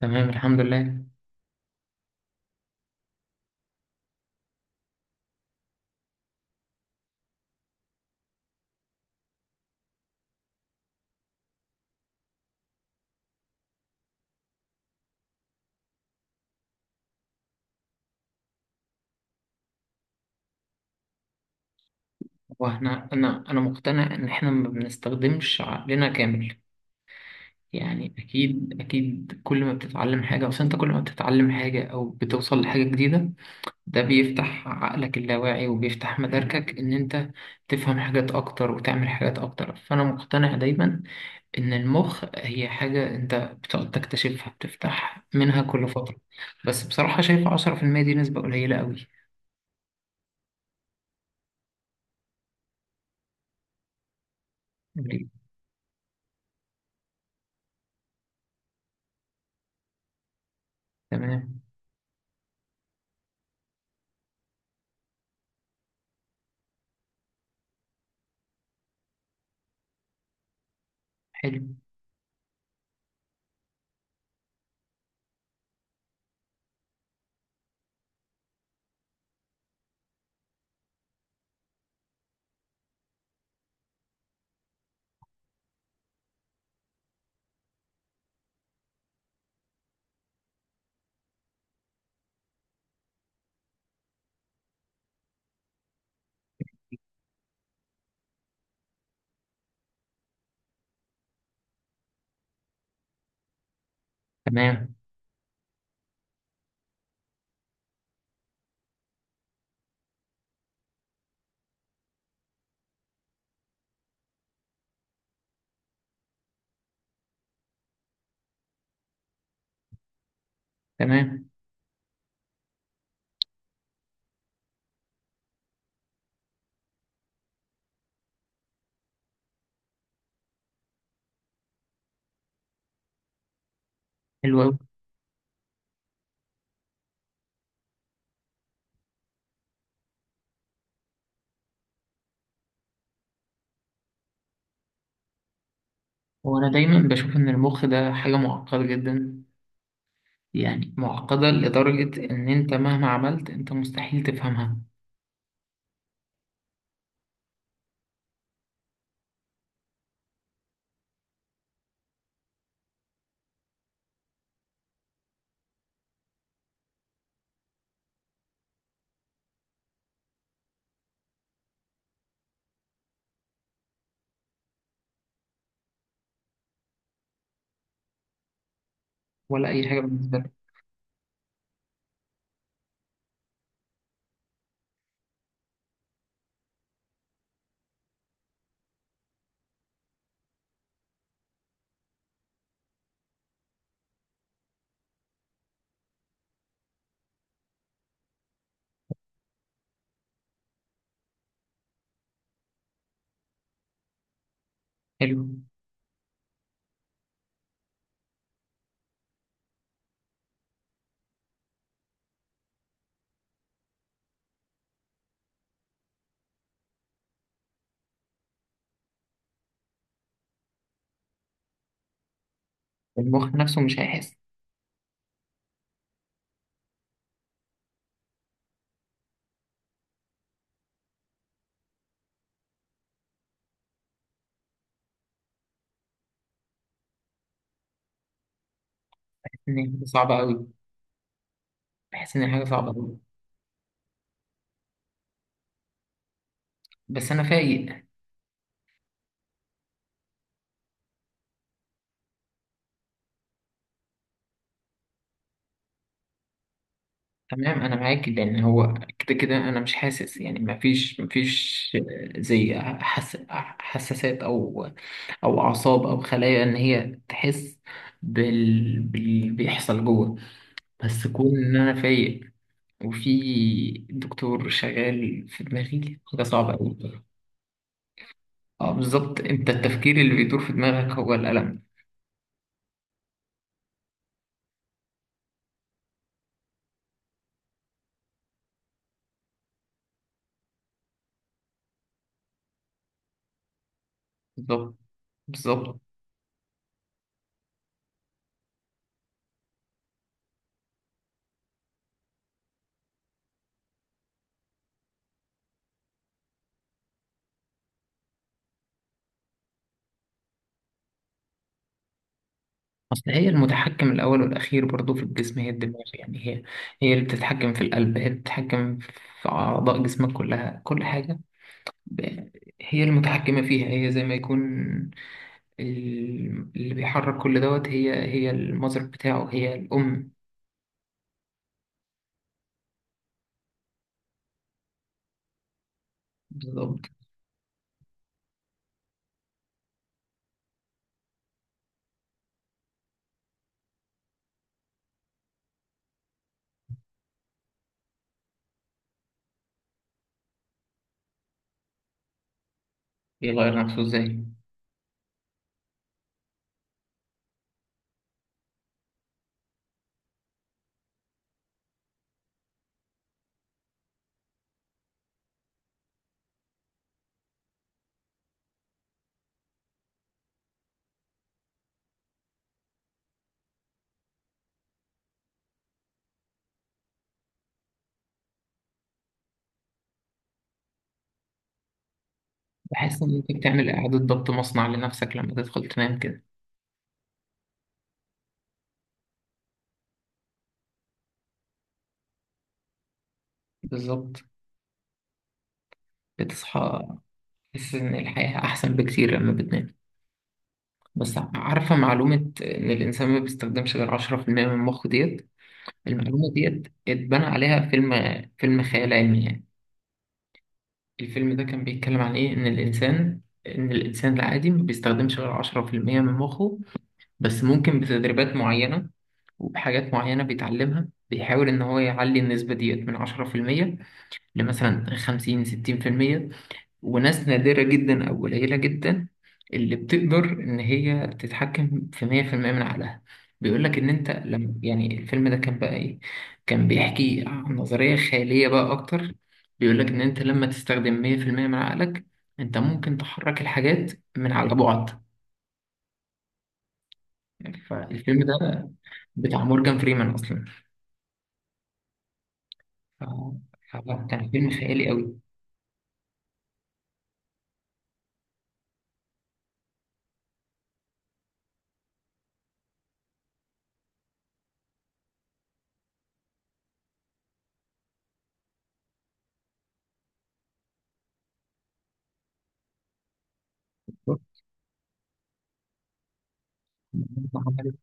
تمام، الحمد لله. واحنا انا مقتنع ان احنا ما بنستخدمش عقلنا كامل. يعني اكيد اكيد، كل ما بتتعلم حاجه اصل انت كل ما بتتعلم حاجه او بتوصل لحاجه جديده، ده بيفتح عقلك اللاواعي وبيفتح مداركك ان انت تفهم حاجات اكتر وتعمل حاجات اكتر. فانا مقتنع دايما ان المخ هي حاجه انت بتقعد تكتشفها، بتفتح منها كل فتره. بس بصراحه شايف 10% دي نسبه قليله قوي. تمام. حلو. تمام، تمام. حلو أوي. هو أنا دايما بشوف إن المخ ده حاجة معقدة جدا، يعني معقدة لدرجة إن أنت مهما عملت أنت مستحيل تفهمها. ولا أي حاجة بالنسبة لك. حلو. المخ نفسه مش هيحس. إن هي حاجة صعبة أوي. بحس إن هي حاجة صعبة أوي. بس أنا فايق. تمام، أنا معاك لأن هو كده كده أنا مش حاسس، يعني مفيش مفيش زي حساسات أو أعصاب أو خلايا إن هي تحس باللي بيحصل جوه. بس كون إن أنا فايق وفي دكتور شغال في دماغي حاجة صعبة أوي. اه، بالظبط. أنت التفكير اللي بيدور في دماغك هو الألم. بالظبط. بالظبط. أصل هي المتحكم الأول والأخير برضو في الجسم، هي الدماغ. يعني هي اللي بتتحكم في القلب، هي اللي بتتحكم في أعضاء جسمك كلها، كل حاجة. ب- هي المتحكمة فيها. هي زي ما يكون اللي بيحرك كل دوت. هي المذر بتاعه، هي الأم. بالظبط. بيغير نفسه ازاي؟ بحس إن أنت بتعمل إعادة ضبط مصنع لنفسك لما تدخل تنام كده. بالظبط. بتصحى تحس إن الحياة أحسن بكتير لما بتنام. بس عارفة معلومة إن الإنسان ما بيستخدمش غير 10% من مخه ديت. المعلومة ديت اتبنى عليها فيلم، فيلم خيال علمي يعني. الفيلم ده كان بيتكلم عن إيه؟ إن الإنسان العادي ما بيستخدمش غير 10% من مخه، بس ممكن بتدريبات معينة وبحاجات معينة بيتعلمها، بيحاول إن هو يعلي النسبة ديت من 10% لمثلا 50 60%. وناس نادرة جدا أو قليلة جدا اللي بتقدر إن هي تتحكم في 100% من عقلها. بيقول لك إن أنت لما يعني الفيلم ده كان بقى إيه، كان بيحكي عن نظرية خيالية بقى أكتر. بيقول لك إن أنت لما تستخدم 100% من عقلك أنت ممكن تحرك الحاجات من على بعد. فالفيلم ده بتاع مورجان فريمان أصلا. ف... فلا، كان فيلم خيالي أوي. عملت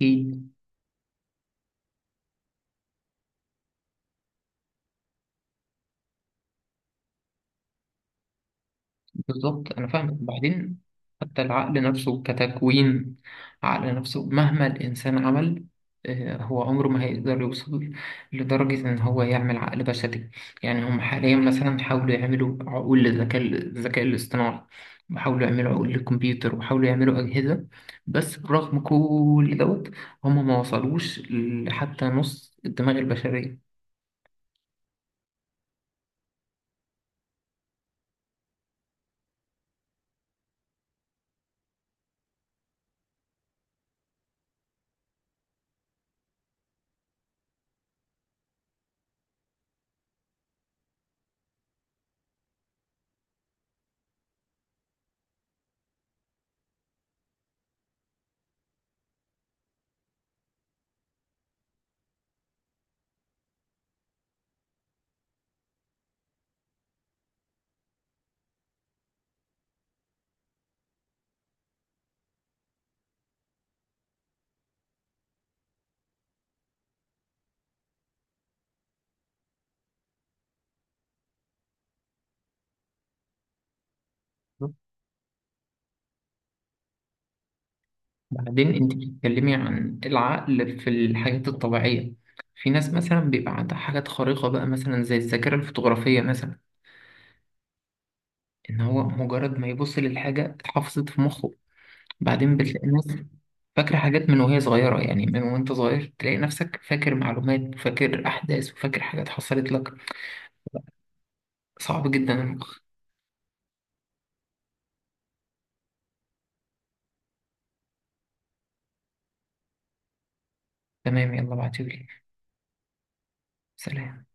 شغل. بالظبط، انا فاهمك. وبعدين حتى العقل نفسه كتكوين، عقل نفسه مهما الانسان عمل هو عمره ما هيقدر يوصل لدرجة إن هو يعمل عقل بشري. يعني هم حاليا مثلا حاولوا يعملوا عقول للذكاء، الاصطناعي، وحاولوا يعملوا عقول للكمبيوتر وحاولوا يعملوا أجهزة. بس برغم كل دوت هم ما وصلوش لحتى نص الدماغ البشرية. بعدين انت بتتكلمي عن العقل في الحاجات الطبيعية. في ناس مثلا بيبقى عندها حاجات خارقة بقى، مثلا زي الذاكرة الفotografية مثلا، ان هو مجرد ما يبص للحاجة اتحفظت في مخه. بعدين بتلاقي ناس فاكرة حاجات من وهي صغيرة، يعني من وانت صغير تلاقي نفسك فاكر معلومات وفاكر أحداث وفاكر حاجات حصلت لك. صعب جدا المخ. تمام، يلا بعتولي. سلام.